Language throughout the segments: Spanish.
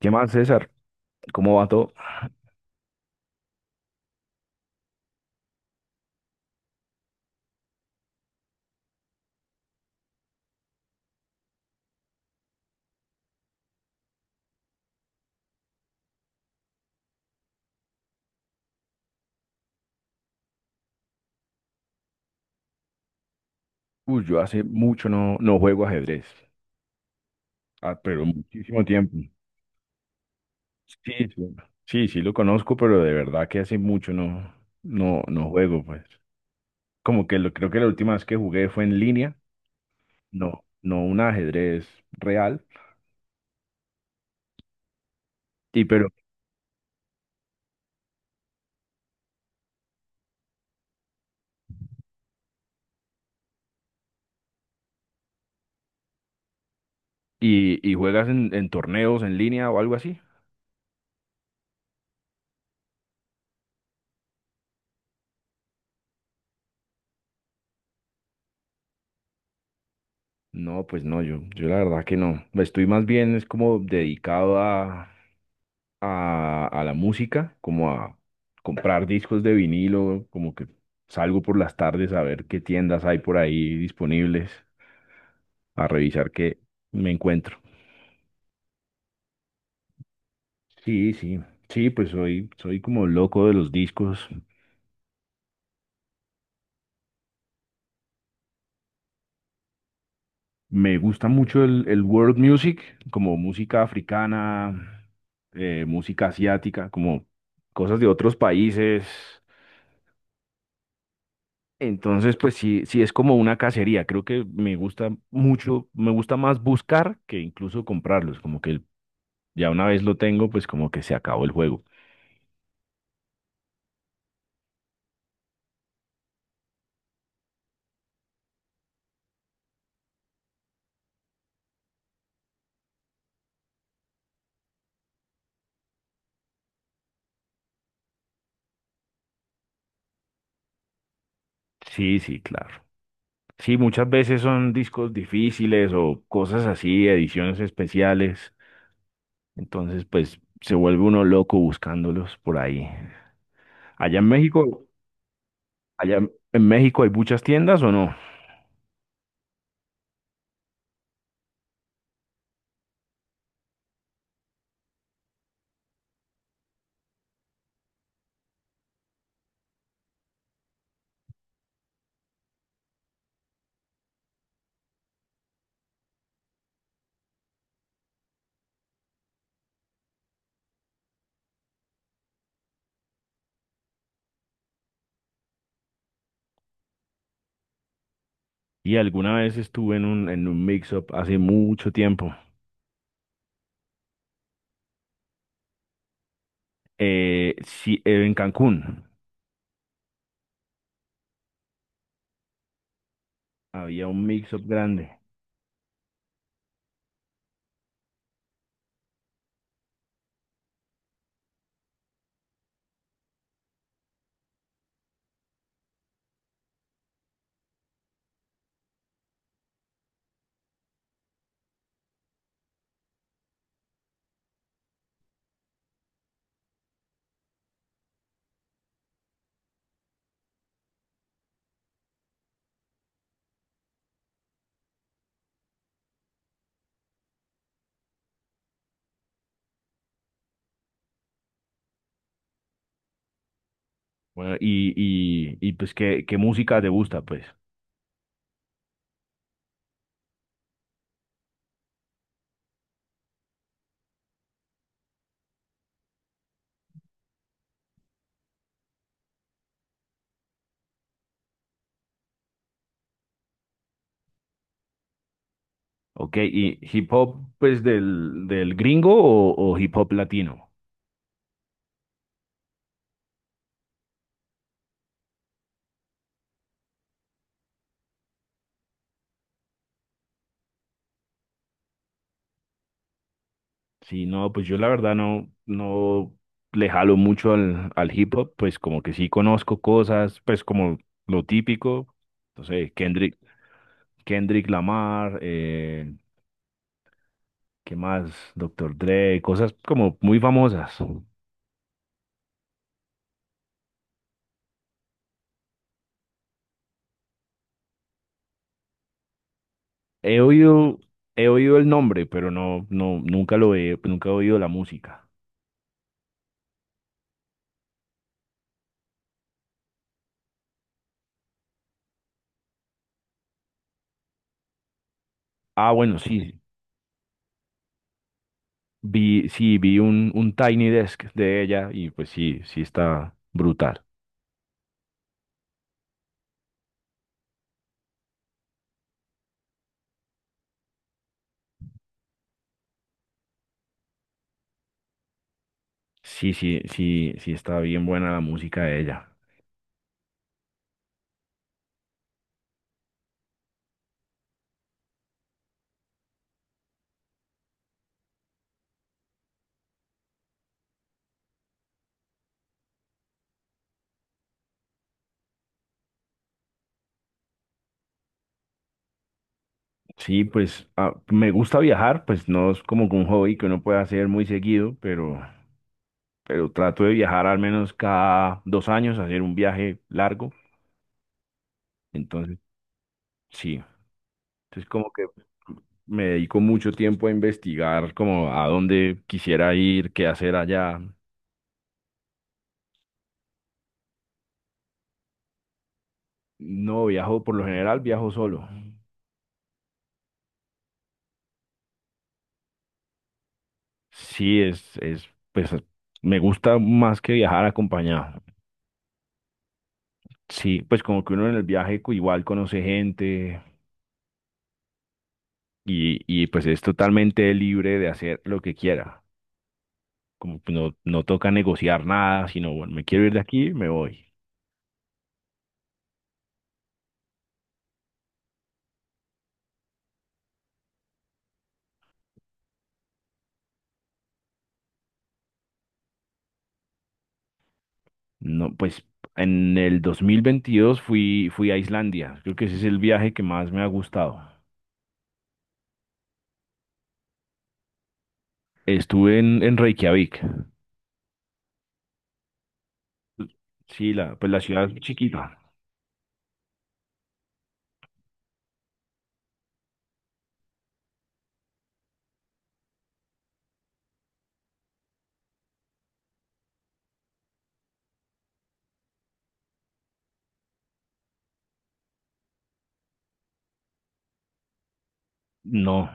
¿Qué más, César? ¿Cómo va todo? Uy, yo hace mucho no juego ajedrez, ah, pero muchísimo tiempo. Sí, sí, sí, sí lo conozco, pero de verdad que hace mucho no juego, pues. Como que lo, creo que la última vez que jugué fue en línea, no, no un ajedrez real. Y pero, ¿y juegas en torneos en línea o algo así? No, pues no, yo la verdad que no. Estoy más bien es como dedicado a a la música, como a comprar discos de vinilo, como que salgo por las tardes a ver qué tiendas hay por ahí disponibles, a revisar qué me encuentro. Sí, sí, sí, pues soy, soy como loco de los discos. Me gusta mucho el world music, como música africana, música asiática, como cosas de otros países. Entonces, pues sí, sí es como una cacería. Creo que me gusta mucho, me gusta más buscar que incluso comprarlos. Como que ya una vez lo tengo, pues como que se acabó el juego. Sí, sí, claro. Sí, muchas veces son discos difíciles o cosas así, ediciones especiales. Entonces, pues se vuelve uno loco buscándolos por ahí. Allá en México, allá en México hay muchas tiendas o no? Y alguna vez estuve en un mix-up hace mucho tiempo. Sí, en Cancún. Había un mix-up grande. Bueno, y pues, ¿qué música te gusta, pues? Ok, ¿y hip hop, pues, del gringo o hip hop latino? Sí, no, pues yo la verdad no, no le jalo mucho al hip hop, pues como que sí conozco cosas, pues como lo típico, no sé, Kendrick, Kendrick Lamar, ¿qué más? Doctor Dre, cosas como muy famosas. He oído, he oído el nombre, pero no, no, nunca lo he, nunca he oído la música. Ah, bueno, sí, vi un Tiny Desk de ella y pues sí, sí está brutal. Sí, sí, sí, sí está bien buena la música de ella. Sí, pues ah, me gusta viajar, pues no es como que un hobby que uno puede hacer muy seguido, pero trato de viajar al menos cada 2 años, hacer un viaje largo. Entonces, sí. Entonces, como que me dedico mucho tiempo a investigar como a dónde quisiera ir, qué hacer allá. No viajo, por lo general viajo solo. Sí, es, pues me gusta más que viajar acompañado. Sí, pues como que uno en el viaje co- igual conoce gente y pues es totalmente libre de hacer lo que quiera. Como que no, no toca negociar nada, sino bueno, me quiero ir de aquí, me voy. No, pues en el 2022 fui, fui a Islandia. Creo que ese es el viaje que más me ha gustado. Estuve en Reykjavik. Sí, la, pues la ciudad es chiquita. No,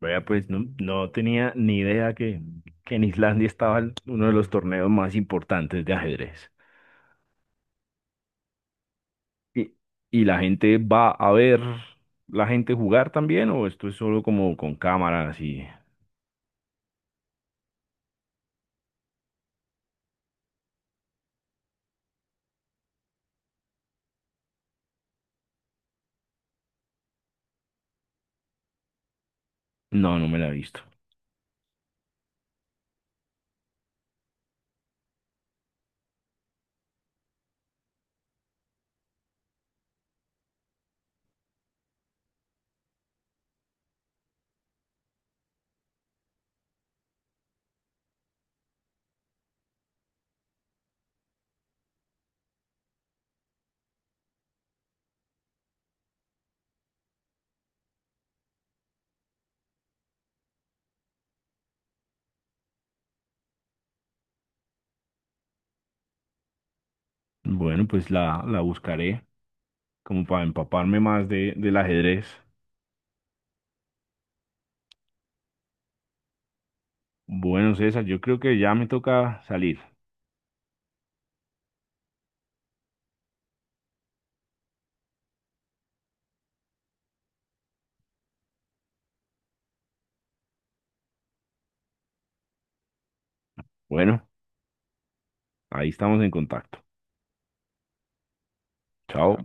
vea, pues no, no tenía ni idea que en Islandia estaba el- uno de los torneos más importantes de ajedrez. ¿Y, y la gente va a ver la gente jugar también o esto es solo como con cámaras y... No, no me la he visto. Bueno, pues la buscaré como para empaparme más de, del ajedrez. Bueno, César, yo creo que ya me toca salir. Bueno, ahí estamos en contacto. Chao.